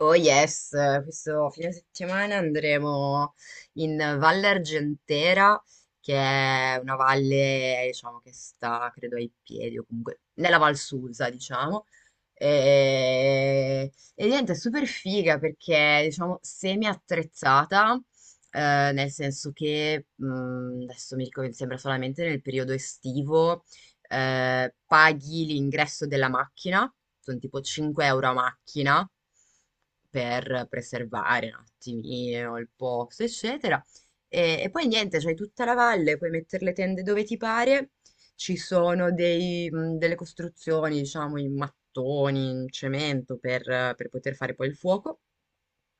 Oh yes, questo fine settimana andremo in Valle Argentera, che è una valle, diciamo, che sta, credo, ai piedi o comunque nella Val Susa, diciamo. E niente, è super figa perché, diciamo, semi-attrezzata, nel senso che, adesso mi ricordo, mi sembra solamente nel periodo estivo paghi l'ingresso della macchina, sono tipo 5 euro a macchina per preservare un attimino il posto, eccetera. E poi niente, c'hai tutta la valle, puoi mettere le tende dove ti pare, ci sono delle costruzioni, diciamo, in mattoni, in cemento per poter fare poi il fuoco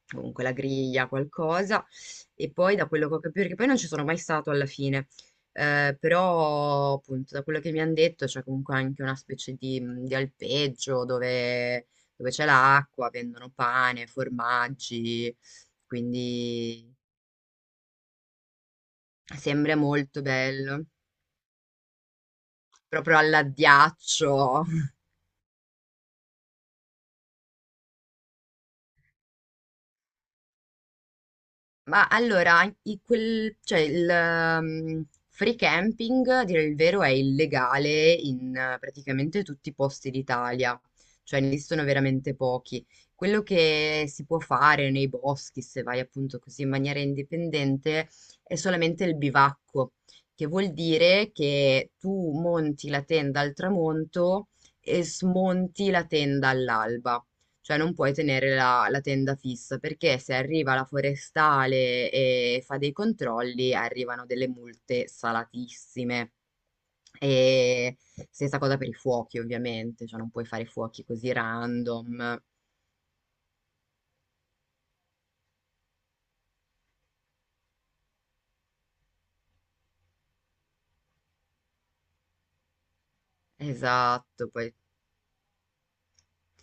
comunque la griglia, qualcosa, e poi da quello che ho capito, perché poi non ci sono mai stato alla fine, però appunto da quello che mi hanno detto c'è comunque anche una specie di alpeggio dove c'è l'acqua, vendono pane, formaggi, quindi sembra molto bello, proprio all'addiaccio. Ma allora, cioè il free camping, a dire il vero, è illegale in praticamente tutti i posti d'Italia, cioè ne esistono veramente pochi. Quello che si può fare nei boschi, se vai appunto così in maniera indipendente, è solamente il bivacco, che vuol dire che tu monti la tenda al tramonto e smonti la tenda all'alba. Cioè non puoi tenere la tenda fissa perché se arriva la forestale e fa dei controlli arrivano delle multe salatissime. E stessa cosa per i fuochi, ovviamente, cioè non puoi fare fuochi così random. Esatto, poi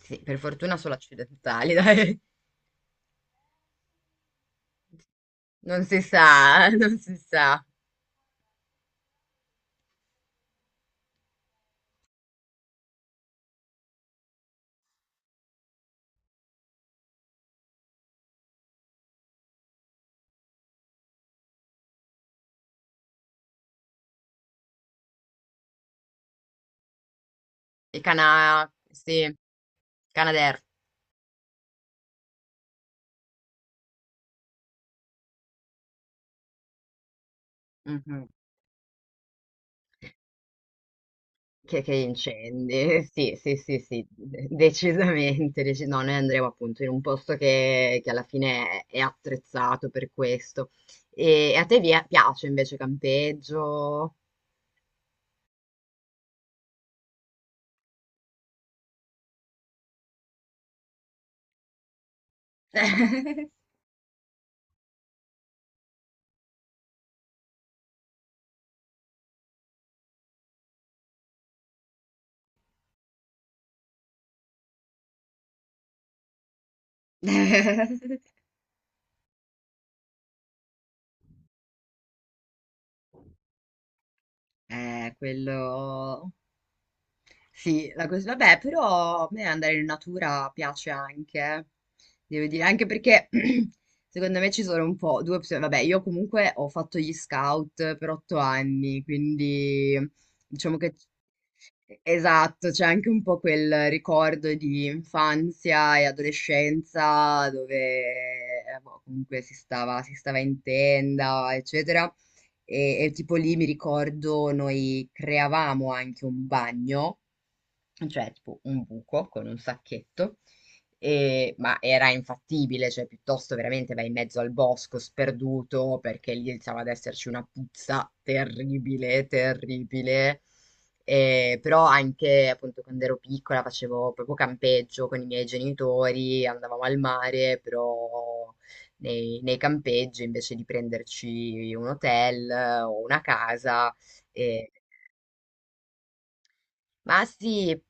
sì, per fortuna solo accidentali, dai. Non si sa, non si sa. Sì, Canadair. Che incendi, sì, sì, sì, sì, decisamente. No, noi andremo appunto in un posto che alla fine è attrezzato per questo. E, a te piace invece campeggio? Quello. Sì, la cosa. Vabbè, però a me andare in natura piace anche, eh. Devo dire, anche perché secondo me ci sono un po' due opzioni. Vabbè, io comunque ho fatto gli scout per 8 anni, quindi diciamo che. Esatto, c'è anche un po' quel ricordo di infanzia e adolescenza dove boh, comunque si stava in tenda, eccetera. E tipo lì mi ricordo noi creavamo anche un bagno cioè tipo un buco con un sacchetto, ma era infattibile, cioè piuttosto veramente vai in mezzo al bosco sperduto perché lì iniziava ad esserci una puzza terribile, terribile. Però anche appunto quando ero piccola facevo proprio campeggio con i miei genitori, andavamo al mare, però nei campeggi invece di prenderci un hotel o una casa. Eh, ma sì,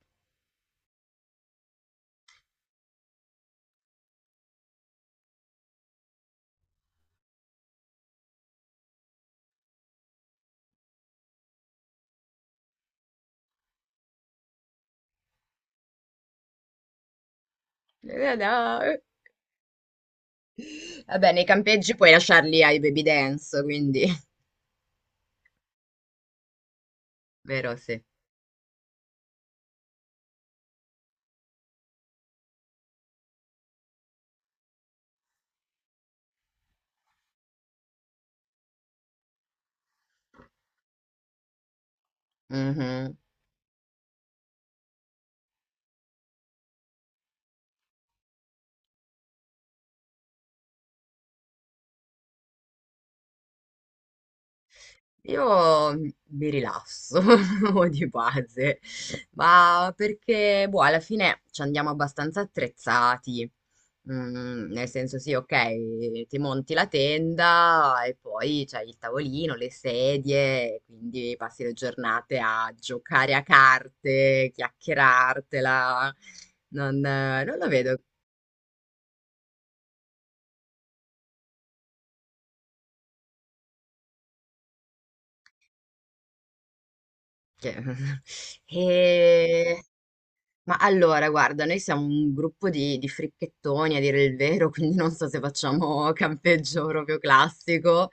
vabbè, nei campeggi puoi lasciarli ai baby dance, quindi, vero, sì. Mhm. Io mi rilasso di base, ma perché, boh, alla fine ci andiamo abbastanza attrezzati. Nel senso, sì, ok, ti monti la tenda e poi c'hai il tavolino, le sedie, quindi passi le giornate a giocare a carte, chiacchierartela. Non lo vedo. Cioè, e. Ma allora, guarda, noi siamo un gruppo di fricchettoni, a dire il vero, quindi non so se facciamo campeggio proprio classico,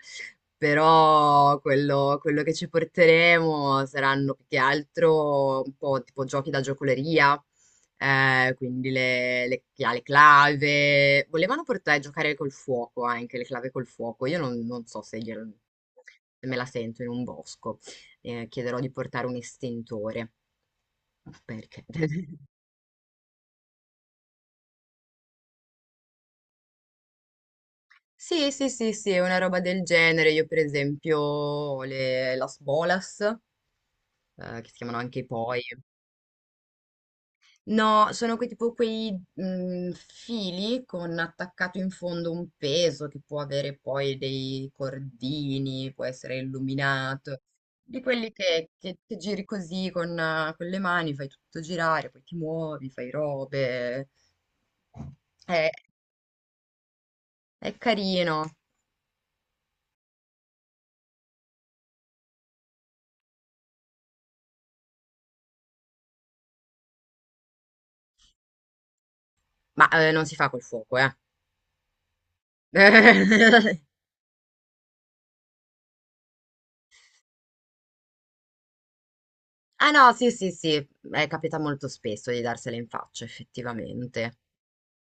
però quello che ci porteremo saranno più che altro un po' tipo giochi da giocoleria, quindi chi ha le clave. Volevano portare a giocare col fuoco anche, le clave col fuoco. Io non so se me la sento in un bosco. Chiederò di portare un estintore, perché. Sì, sì, sì, sì, è una roba del genere. Io, per esempio, ho le Las Bolas, che si chiamano anche i poi. No, sono tipo quei fili con attaccato in fondo un peso che può avere poi dei cordini, può essere illuminato. Di quelli che giri così con le mani, fai tutto girare, poi ti muovi, fai robe. È, è carino, ma non si fa col fuoco, eh. Eh, ah no, sì, sì, sì, è capita molto spesso di darsele in faccia, effettivamente.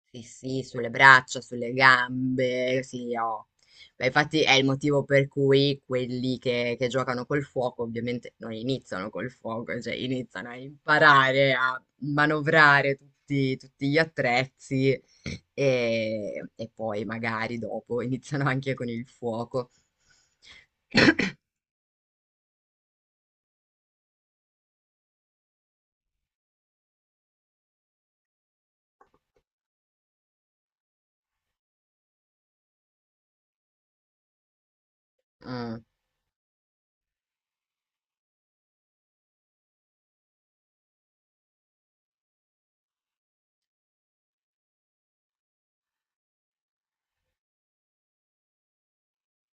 Sì, sì, sulle braccia, sulle gambe, sì, oh. Beh, infatti è il motivo per cui quelli che giocano col fuoco ovviamente non iniziano col fuoco, cioè iniziano a imparare a manovrare tutti gli attrezzi e poi magari dopo iniziano anche con il fuoco. Mm.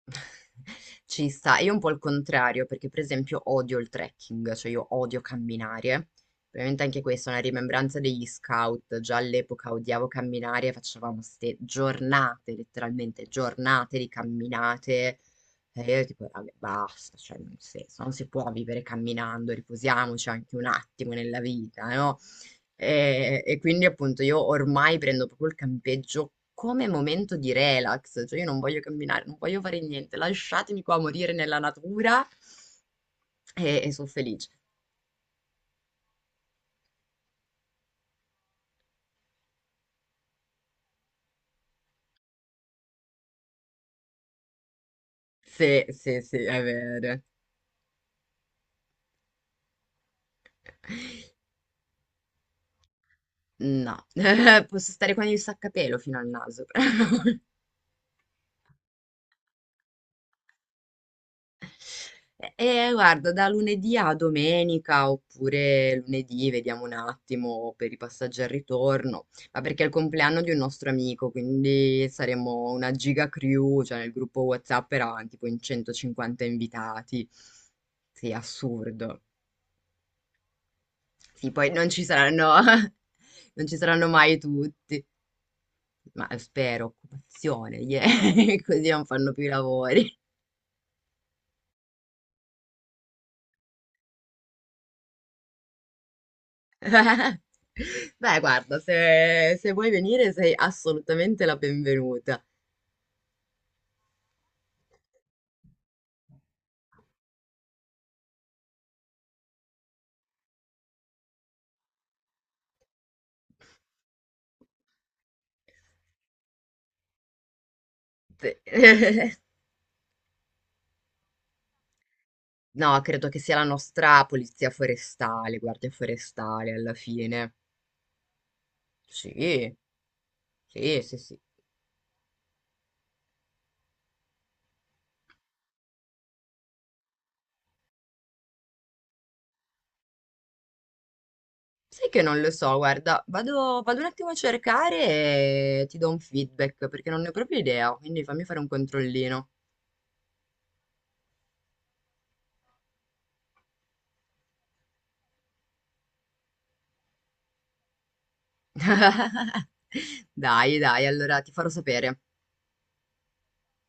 Ci sta. Io un po' il contrario, perché per esempio odio il trekking, cioè io odio camminare. Probabilmente anche questa è una rimembranza degli scout. Già all'epoca odiavo camminare, e facevamo ste giornate, letteralmente giornate di camminate. E io tipo, vabbè, basta, cioè, nel senso, non si può vivere camminando, riposiamoci anche un attimo nella vita, no? E quindi appunto io ormai prendo proprio il campeggio come momento di relax, cioè io non voglio camminare, non voglio fare niente, lasciatemi qua morire nella natura e sono felice. Sì, sì, sì, è vero. No, posso stare con il sacca pelo fino al naso. E guarda, da lunedì a domenica oppure lunedì, vediamo un attimo per i passaggi al ritorno, ma perché è il compleanno di un nostro amico, quindi saremo una giga crew, cioè nel gruppo WhatsApp erano tipo in 150 invitati. Sì, assurdo. Sì, poi non ci saranno, non ci saranno mai tutti, ma spero, occupazione, yeah, così non fanno più i lavori. Beh, guarda, se vuoi venire sei assolutamente la benvenuta. Te- No, credo che sia la nostra polizia forestale, guardia forestale alla fine. Sì, sì, sì, sì. Sai che non lo so, guarda, vado un attimo a cercare e ti do un feedback perché non ne ho proprio idea, quindi fammi fare un controllino. Dai, dai, allora ti farò sapere.